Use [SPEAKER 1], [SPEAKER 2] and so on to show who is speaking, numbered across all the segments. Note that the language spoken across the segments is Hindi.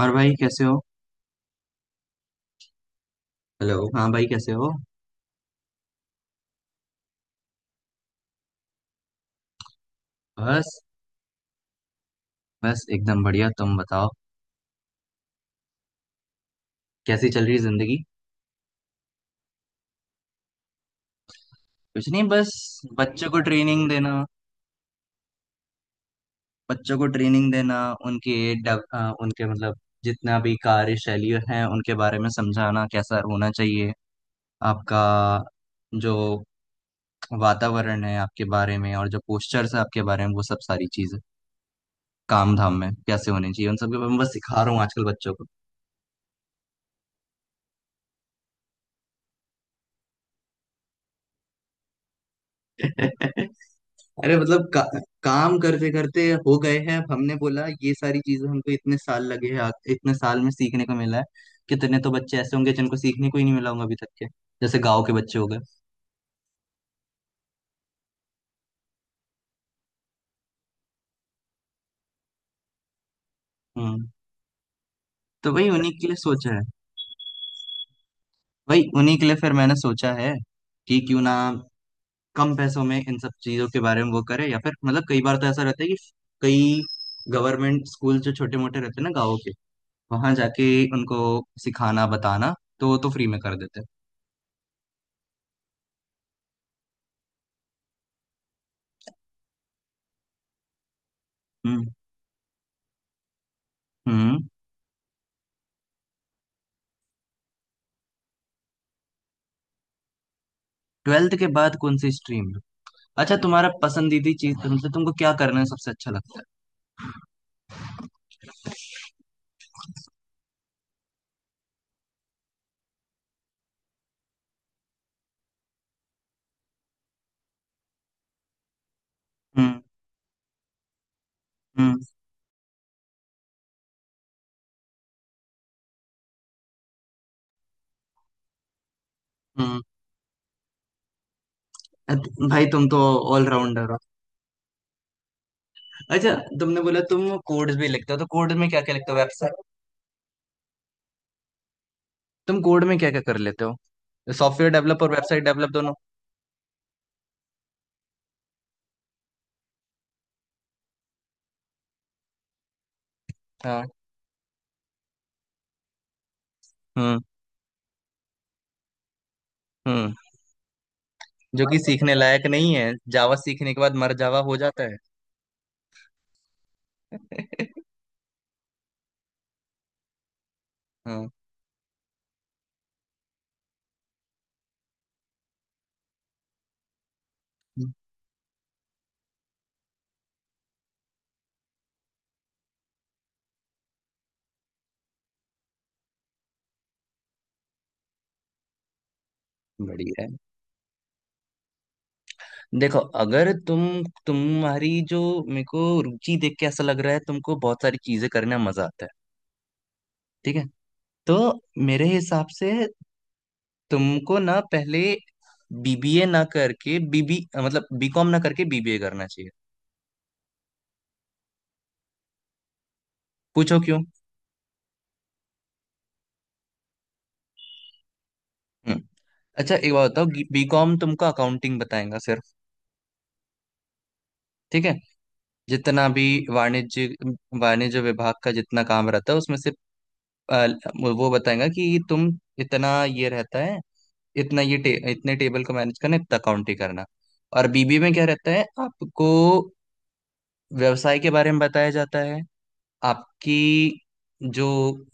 [SPEAKER 1] और भाई कैसे हो। हेलो। हाँ भाई कैसे हो। बस बस एकदम बढ़िया, तुम बताओ। कैसी चल रही है जिंदगी। कुछ नहीं, बस। बच्चों को ट्रेनिंग देना बच्चों को ट्रेनिंग देना। उनके उनके मतलब जितना भी कार्यशैली है उनके बारे में समझाना कैसा होना चाहिए, आपका जो वातावरण है आपके बारे में, और जो पोस्चर्स है आपके बारे में, वो सब सारी चीजें काम धाम में कैसे होने चाहिए, उन सब के बारे में बस सिखा रहा हूँ आजकल बच्चों को। अरे मतलब काम करते करते हो गए हैं। अब हमने बोला ये सारी चीजें हमको इतने साल लगे हैं, इतने साल में सीखने को मिला है। कितने तो बच्चे ऐसे होंगे जिनको सीखने को ही नहीं मिला होगा अभी तक के, जैसे गांव के बच्चे हो गए। हम्म। तो वही उन्हीं के लिए सोचा है। वही उन्हीं के लिए फिर मैंने सोचा है कि क्यों ना कम पैसों में इन सब चीजों के बारे में वो करे, या फिर मतलब कई बार तो ऐसा रहता है कि कई गवर्नमेंट स्कूल जो छोटे मोटे रहते हैं ना गाँव के, वहां जाके उनको सिखाना बताना, तो वो तो फ्री में कर देते हैं। हम्म। हम्म। ट्वेल्थ के बाद कौन सी स्ट्रीम है? अच्छा, तुम्हारा पसंदीदा चीज तुमसे तुमको क्या करना है, सबसे अच्छा लगता है? हम्म। हम्म। हम्म। भाई तुम तो ऑलराउंडर हो। अच्छा, तुमने बोला तुम कोड्स भी लिखते हो, तो कोड में क्या क्या लिखते हो, वेबसाइट? तुम कोड में क्या क्या कर लेते हो, सॉफ्टवेयर डेवलप और वेबसाइट डेवलप दोनों? हाँ। हम्म। हम्म। जो कि सीखने लायक नहीं है, जावा सीखने के बाद मर जावा हो जाता है। हाँ, बढ़िया है। देखो, अगर तुम्हारी जो, मेरे को रुचि देख के ऐसा लग रहा है तुमको बहुत सारी चीजें करने में मजा आता है, ठीक है, तो मेरे हिसाब से तुमको ना पहले बीबीए, ना करके बीबी मतलब बीकॉम ना करके बीबीए करना चाहिए। पूछो क्यों। हम्म। अच्छा, एक बात बताओ, बीकॉम तुमको अकाउंटिंग बताएगा सिर्फ, ठीक है, जितना भी वाणिज्य वाणिज्य विभाग का जितना काम रहता है उसमें से, अ, वो बताएगा कि तुम इतना ये रहता है, इतना ये इतने टेबल को मैनेज करना, इतना अकाउंट ही करना। और बीबी में क्या रहता है आपको? व्यवसाय के बारे में बताया जाता है, आपकी जो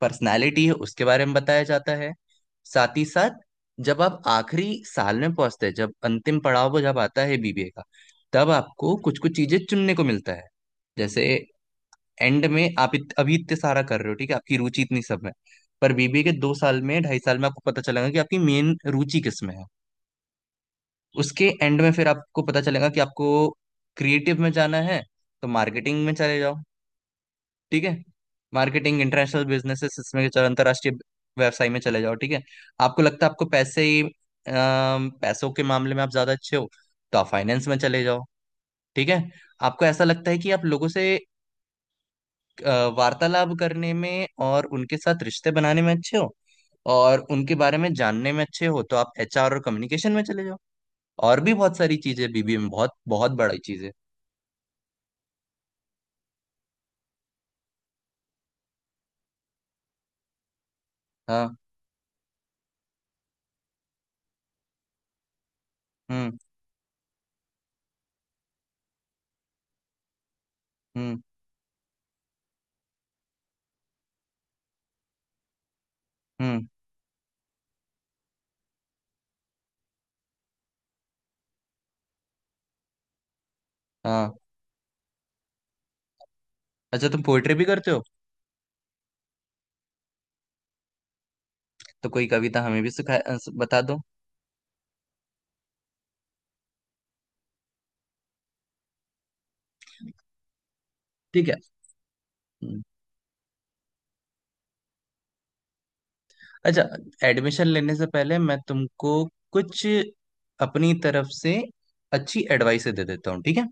[SPEAKER 1] पर्सनालिटी है उसके बारे में बताया जाता है। साथ ही साथ जब आप आखिरी साल में पहुंचते हैं, जब अंतिम पड़ाव वो जब आता है बीबीए का, तब आपको कुछ कुछ चीजें चुनने को मिलता है। जैसे एंड में आप अभी इतने सारा कर रहे हो, ठीक है, आपकी रुचि इतनी सब में। पर बीबीए के दो साल में, ढाई साल में आपको पता चलेगा कि आपकी मेन रुचि किस में है। उसके एंड में फिर आपको पता चलेगा कि आपको क्रिएटिव में जाना है, तो मार्केटिंग में चले जाओ, ठीक है। मार्केटिंग, इंटरनेशनल बिजनेसेस, इसमें चलो अंतर्राष्ट्रीय व्यवसाय में चले जाओ, ठीक है। आपको लगता है आपको पैसों के मामले में आप ज्यादा अच्छे हो, तो आप फाइनेंस में चले जाओ, ठीक है। आपको ऐसा लगता है कि आप लोगों से अ, वार्तालाप करने में और उनके साथ रिश्ते बनाने में अच्छे हो, और उनके बारे में जानने में अच्छे हो, तो आप एचआर और कम्युनिकेशन में चले जाओ। और भी बहुत सारी चीजें बीबीए में, बहुत बहुत बड़ी चीजें। हाँ। हम्म। हम्म। हम्म। हाँ। अच्छा, तुम पोइट्री भी करते हो? तो कोई कविता हमें भी बता दो। ठीक है। हम्म। अच्छा, एडमिशन लेने से पहले मैं तुमको कुछ अपनी तरफ से अच्छी एडवाइस दे देता हूँ, ठीक है।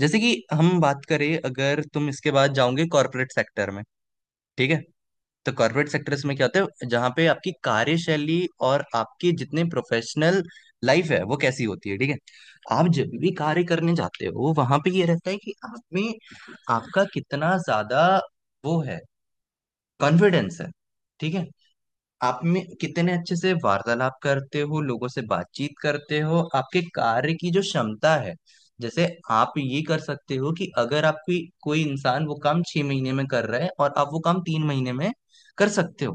[SPEAKER 1] जैसे कि हम बात करें, अगर तुम इसके बाद जाओगे कॉर्पोरेट सेक्टर में, ठीक है, तो कॉर्पोरेट सेक्टर्स में क्या होता है, जहाँ पे आपकी कार्यशैली और आपकी जितने प्रोफेशनल लाइफ है वो कैसी होती है, ठीक है। आप जब भी कार्य करने जाते हो, वहां पे ये रहता है कि आप में आपका कितना ज्यादा वो है, कॉन्फिडेंस है, ठीक है, आप में कितने अच्छे से वार्तालाप करते हो लोगों से, बातचीत करते हो, आपके कार्य की जो क्षमता है। जैसे आप ये कर सकते हो कि अगर आप, कोई कोई इंसान वो काम छह महीने में कर रहा है और आप वो काम तीन महीने में कर सकते हो,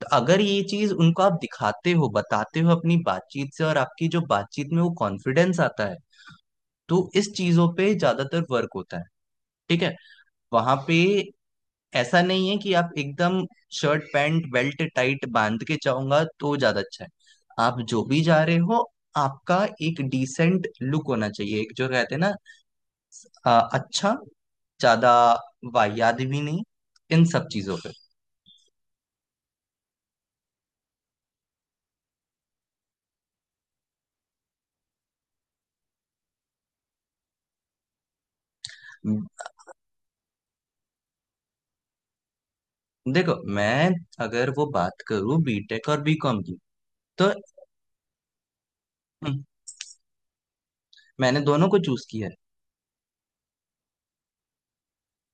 [SPEAKER 1] तो अगर ये चीज उनको आप दिखाते हो, बताते हो अपनी बातचीत से, और आपकी जो बातचीत में वो कॉन्फिडेंस आता है, तो इस चीजों पे ज्यादातर वर्क होता है, ठीक है। वहां पे ऐसा नहीं है कि आप एकदम शर्ट पैंट बेल्ट टाइट बांध के जाऊंगा तो ज्यादा अच्छा है, आप जो भी जा रहे हो, आपका एक डिसेंट लुक होना चाहिए, एक जो कहते हैं ना अच्छा, ज्यादा वाहियात भी नहीं, इन सब चीजों पे। देखो, मैं अगर वो बात करूं बीटेक और बीकॉम की, तो हम्म, मैंने दोनों को चूज किया है।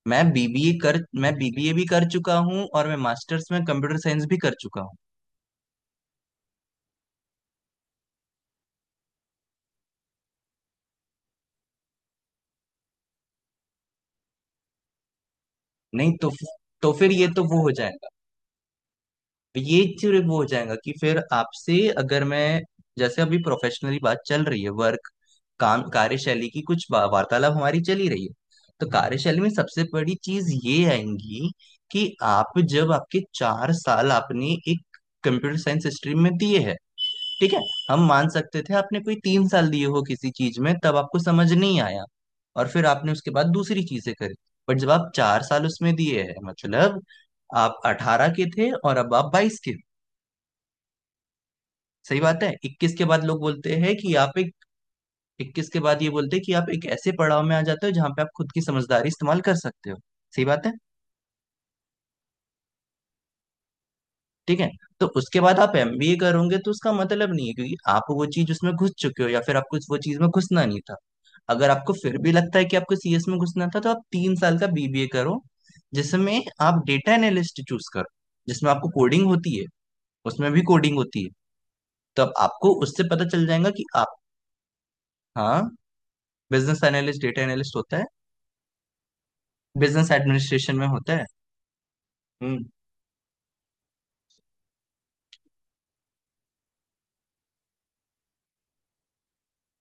[SPEAKER 1] मैं बीबीए कर मैं बीबीए भी कर चुका हूँ और मैं मास्टर्स में कंप्यूटर साइंस भी कर चुका हूँ। नहीं तो फिर ये तो वो हो जाएगा। तो ये फिर वो हो जाएगा कि फिर आपसे अगर मैं, जैसे अभी प्रोफेशनली बात चल रही है वर्क, काम कार्यशैली की कुछ वार्तालाप हमारी चली रही है, तो कार्यशैली में सबसे बड़ी चीज ये आएंगी कि आप जब आपके चार साल आपने एक कंप्यूटर साइंस स्ट्रीम में दिए हैं, ठीक है, हम मान सकते थे आपने कोई तीन साल दिए हो किसी चीज में तब आपको समझ नहीं आया, और फिर आपने उसके बाद दूसरी चीजें करी। बट जब आप चार साल उसमें दिए हैं मतलब आप अठारह के थे और अब आप बाईस के, सही बात है। इक्कीस के बाद लोग बोलते हैं कि आप एक, इक्कीस के बाद ये बोलते हैं कि आप एक ऐसे पड़ाव में आ जाते हो जहां पे आप खुद की समझदारी इस्तेमाल कर सकते हो, सही बात है, ठीक है। तो उसके बाद आप एमबीए करोगे तो उसका मतलब नहीं है, क्योंकि आप वो चीज उसमें घुस चुके हो या फिर आपको वो चीज में घुसना नहीं था। अगर आपको फिर भी लगता है कि आपको सीएस में घुसना था, तो आप तीन साल का बीबीए करो, जिसमें आप डेटा एनालिस्ट चूज करो, जिसमें आपको कोडिंग होती है, उसमें भी कोडिंग होती है, तो अब आपको उससे पता चल जाएगा कि आप। हाँ। बिजनेस एनालिस्ट, डेटा एनालिस्ट होता है। बिजनेस एडमिनिस्ट्रेशन में होता है। हम्म।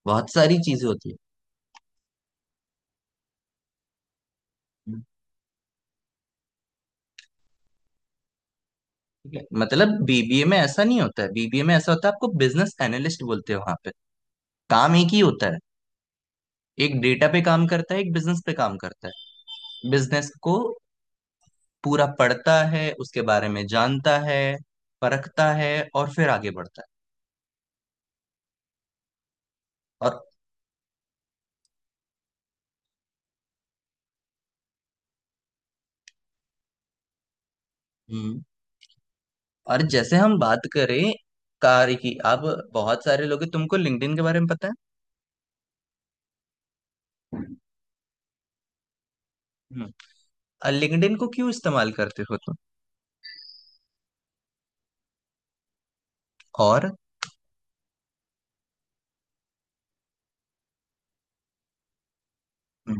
[SPEAKER 1] बहुत सारी चीजें होती है। हम्म। ठीक है, मतलब बीबीए में ऐसा नहीं होता है, बीबीए में ऐसा होता है आपको बिजनेस एनालिस्ट बोलते हो, वहां पे काम एक ही होता है, एक डेटा पे काम करता है, एक बिजनेस पे काम करता है, बिजनेस को पूरा पढ़ता है, उसके बारे में जानता है, परखता है, और फिर आगे बढ़ता है। हम्म, और जैसे हम बात करें कार्य की अब, बहुत सारे लोग हैं, तुमको लिंक्डइन के बारे में पता है? हम्म। लिंक्डइन को क्यों इस्तेमाल करते हो तुम? और हम्म,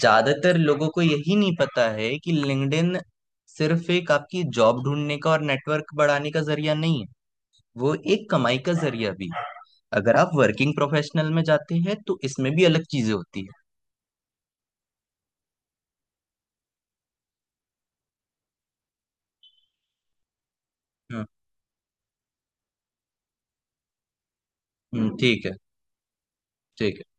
[SPEAKER 1] ज्यादातर लोगों को यही नहीं पता है कि लिंक्डइन सिर्फ एक आपकी जॉब ढूंढने का और नेटवर्क बढ़ाने का जरिया नहीं है, वो एक कमाई का जरिया भी है, अगर आप वर्किंग प्रोफेशनल में जाते हैं तो इसमें भी अलग चीजें होती है। हम्म। ठीक है। ठीक है।